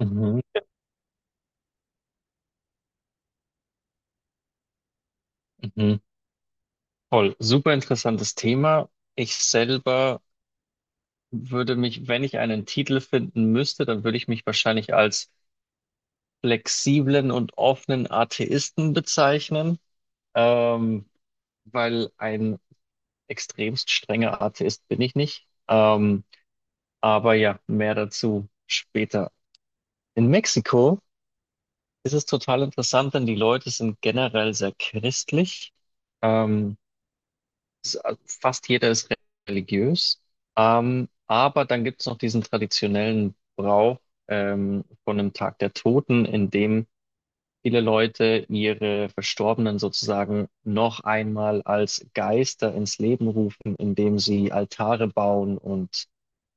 Mhm, mhm. Toll, super interessantes Thema. Ich selber würde mich, wenn ich einen Titel finden müsste, dann würde ich mich wahrscheinlich als flexiblen und offenen Atheisten bezeichnen, ähm, weil ein extremst strenger Atheist bin ich nicht. Aber ja, mehr dazu später. In Mexiko ist es total interessant, denn die Leute sind generell sehr christlich. Ähm, s- Fast jeder ist religiös. Aber dann gibt es noch diesen traditionellen Brauch von einem Tag der Toten, in dem viele Leute ihre Verstorbenen sozusagen noch einmal als Geister ins Leben rufen, indem sie Altare bauen und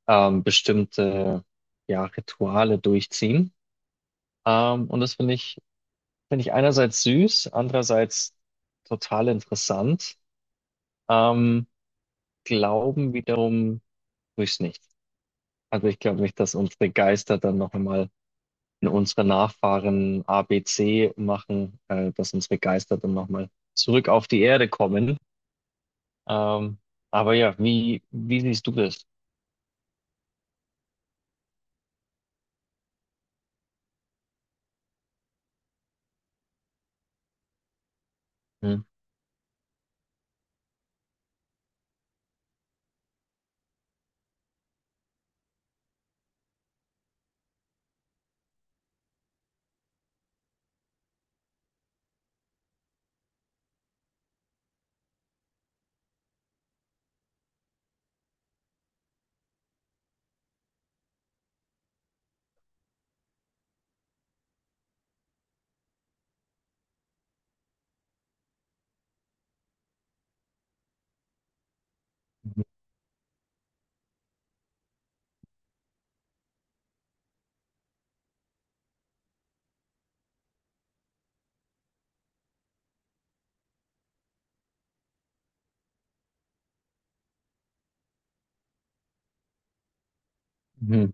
bestimmte ja, Rituale durchziehen. Und das finde ich einerseits süß, andererseits total interessant. Ähm, Glauben wiederum Grüß nicht. Also ich glaube nicht, dass unsere Geister dann noch einmal in unsere Nachfahren ABC machen, dass unsere Geister dann noch mal zurück auf die Erde kommen. Ähm, aber ja, wie siehst du das? Hm. Mhm.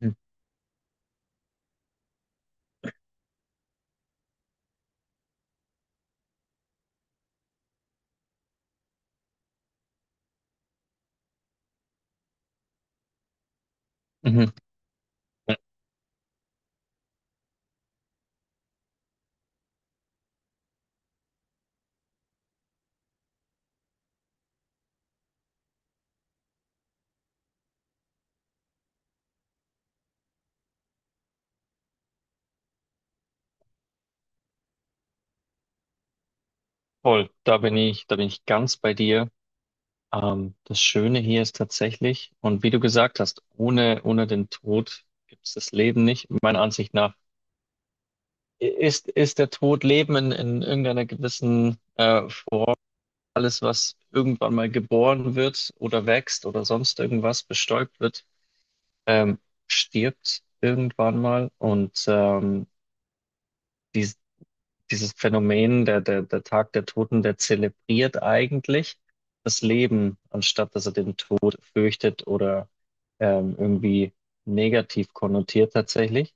Mhm. Mhm. Ja, voll, da bin ich ganz bei dir. Das Schöne hier ist tatsächlich, und wie du gesagt hast, ohne den Tod gibt es das Leben nicht. Meiner Ansicht nach ist der Tod Leben in irgendeiner gewissen alles, was irgendwann mal geboren wird oder wächst oder sonst irgendwas bestäubt wird, ähm, stirbt irgendwann mal. Und dies, dieses Phänomen, der Tag der Toten, der zelebriert eigentlich das Leben, anstatt dass er den Tod fürchtet oder irgendwie negativ konnotiert tatsächlich.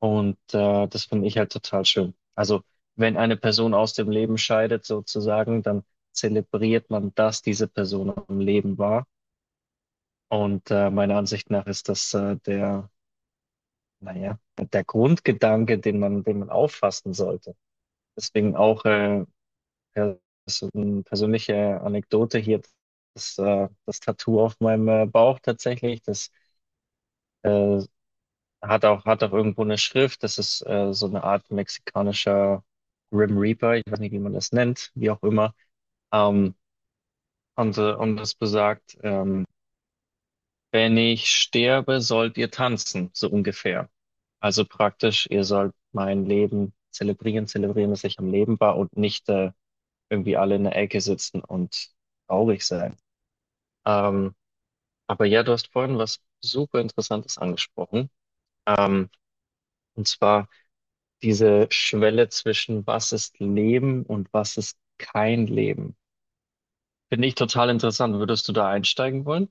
Und das finde ich halt total schön. Also wenn eine Person aus dem Leben scheidet, sozusagen, dann zelebriert man, dass diese Person am Leben war. Und meiner Ansicht nach ist das naja, der Grundgedanke, den man auffassen sollte. Deswegen auch pers persönliche Anekdote hier, das Tattoo auf meinem Bauch tatsächlich, das äh, hat auch, hat auch irgendwo eine Schrift. Das ist so eine Art mexikanischer Grim Reaper. Ich weiß nicht, wie man das nennt, wie auch immer. Ähm, und, und das besagt, wenn ich sterbe, sollt ihr tanzen, so ungefähr. Also praktisch, ihr sollt mein Leben zelebrieren, zelebrieren, dass ich am Leben war und nicht irgendwie alle in der Ecke sitzen und traurig sein. Ähm, aber ja, du hast vorhin was super Interessantes angesprochen. Ähm, und zwar diese Schwelle zwischen was ist Leben und was ist kein Leben. Finde ich total interessant. Würdest du da einsteigen wollen?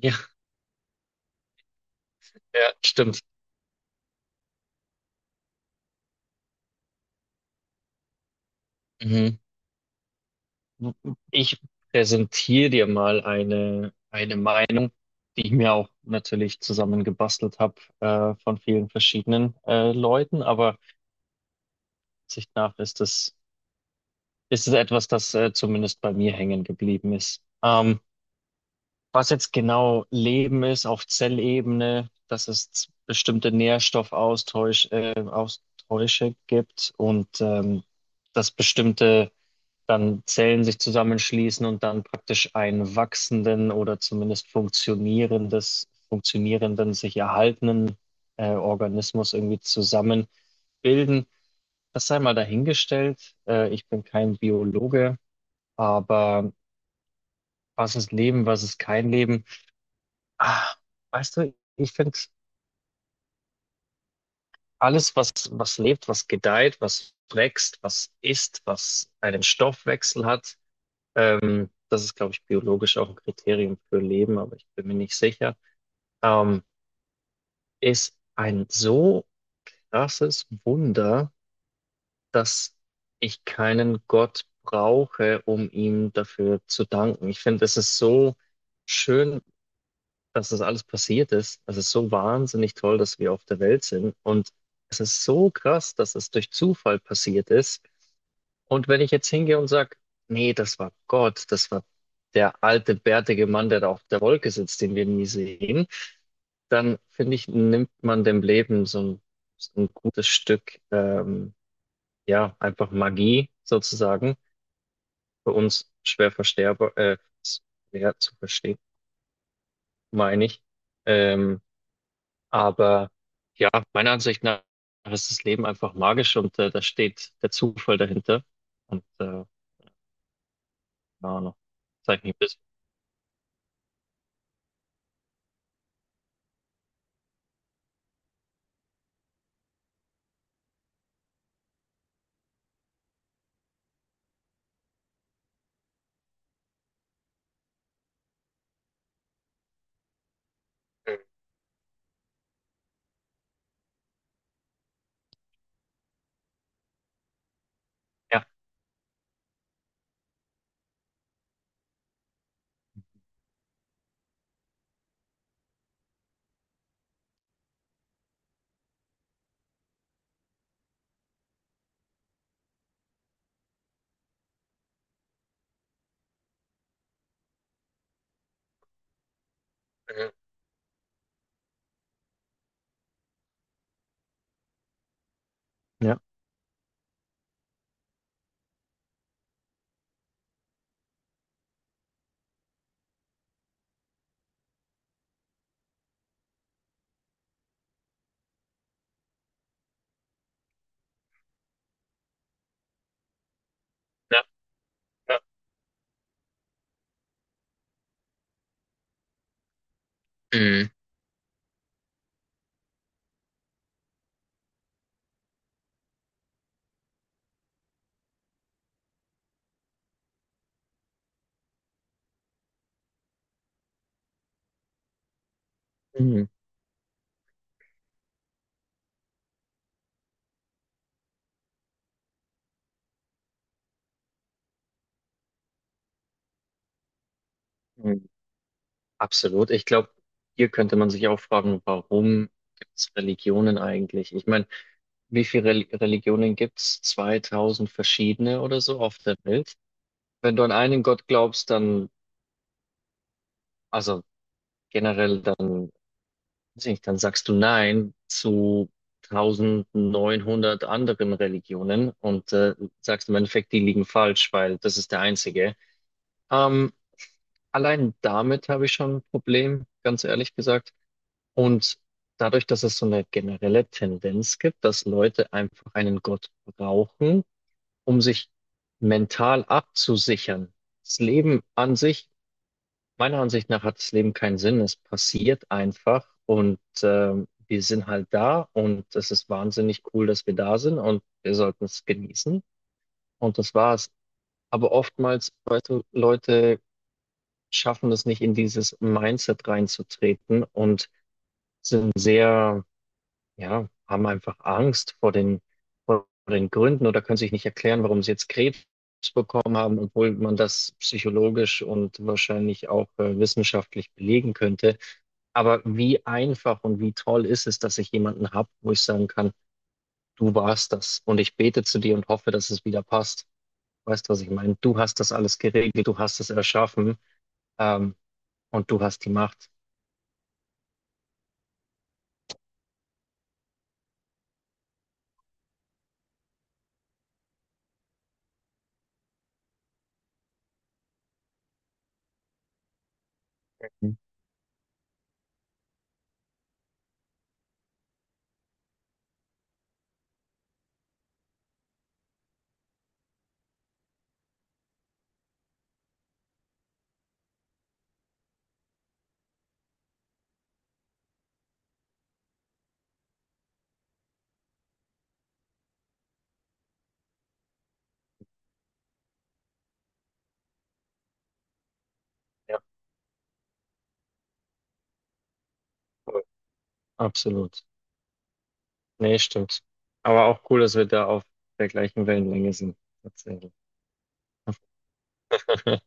Ja, ja, stimmt. Mhm. Ich präsentiere dir mal eine Meinung, die ich mir auch natürlich zusammengebastelt habe, von vielen verschiedenen, Leuten, aber Sicht nach ist es etwas, zumindest bei mir hängen geblieben ist. Was jetzt genau Leben ist auf Zellebene, dass es bestimmte Nährstoffaustausche Austausche gibt und dass bestimmte dann Zellen sich zusammenschließen und dann praktisch einen wachsenden oder zumindest funktionierenden, sich erhaltenen Organismus irgendwie zusammenbilden. Das sei mal dahingestellt. Ich bin kein Biologe, aber was ist Leben, was ist kein Leben? Ah, Weißt du, ich finde alles, was lebt, was gedeiht, was wächst, was isst, was einen Stoffwechsel hat, das ist, glaube ich, biologisch auch ein Kriterium für Leben, aber ich bin mir nicht sicher, ähm, ist ein so krasses Wunder, dass ich keinen Gott brauche, um ihm dafür zu danken. Ich finde, es ist so schön, dass das alles passiert ist. Das ist so wahnsinnig toll, dass wir auf der Welt sind. Und es ist so krass, dass es durch Zufall passiert ist. Und wenn ich jetzt hingehe und sage, nee, das war Gott, das war der alte, bärtige Mann, der da auf der Wolke sitzt, den wir nie sehen, dann finde ich, nimmt man dem Leben so ein gutes Stück, ja, einfach Magie sozusagen, für uns schwer versterber, ja, zu verstehen, meine ich. Ähm, Aber ja, meiner Ansicht nach ist das Leben einfach magisch und da steht der Zufall dahinter. Und keine Ahnung, zeigt mich ein bisschen. Mhm. Ja, mhm. Ja, ja, ja. Mhm. Mhm. Mhm. Absolut. Ich glaube, hier könnte man sich auch fragen, warum gibt es Religionen eigentlich? Ich meine, wie viele Religionen gibt's? 2000 verschiedene oder so auf der Welt. Wenn du an einen Gott glaubst, also generell, dann deswegen, dann sagst du Nein zu 1900 anderen Religionen und sagst im Endeffekt, die liegen falsch, weil das ist der einzige. Ähm, Allein damit habe ich schon ein Problem, ganz ehrlich gesagt. Und dadurch, dass es so eine generelle Tendenz gibt, dass Leute einfach einen Gott brauchen, um sich mental abzusichern. Das Leben an sich meiner Ansicht nach hat das Leben keinen Sinn. Es passiert einfach und wir sind halt da und es ist wahnsinnig cool, dass wir da sind und wir sollten es genießen und das war's. Aber oftmals, weißt du, Leute schaffen es nicht in dieses Mindset reinzutreten und sind sehr, ja, haben einfach Angst vor vor den Gründen oder können sich nicht erklären, warum sie jetzt Krebs bekommen haben, obwohl man das psychologisch und wahrscheinlich auch wissenschaftlich belegen könnte. Aber wie einfach und wie toll ist es, dass ich jemanden habe, wo ich sagen kann, du warst das und ich bete zu dir und hoffe, dass es wieder passt. Weißt du, was ich meine? Du hast das alles geregelt, du hast es erschaffen, ähm, und du hast die Macht. Mhm. Ja, voll. Absolut. Nee, stimmt. Aber auch cool, dass wir da auf der gleichen Wellenlänge sind. Tatsächlich.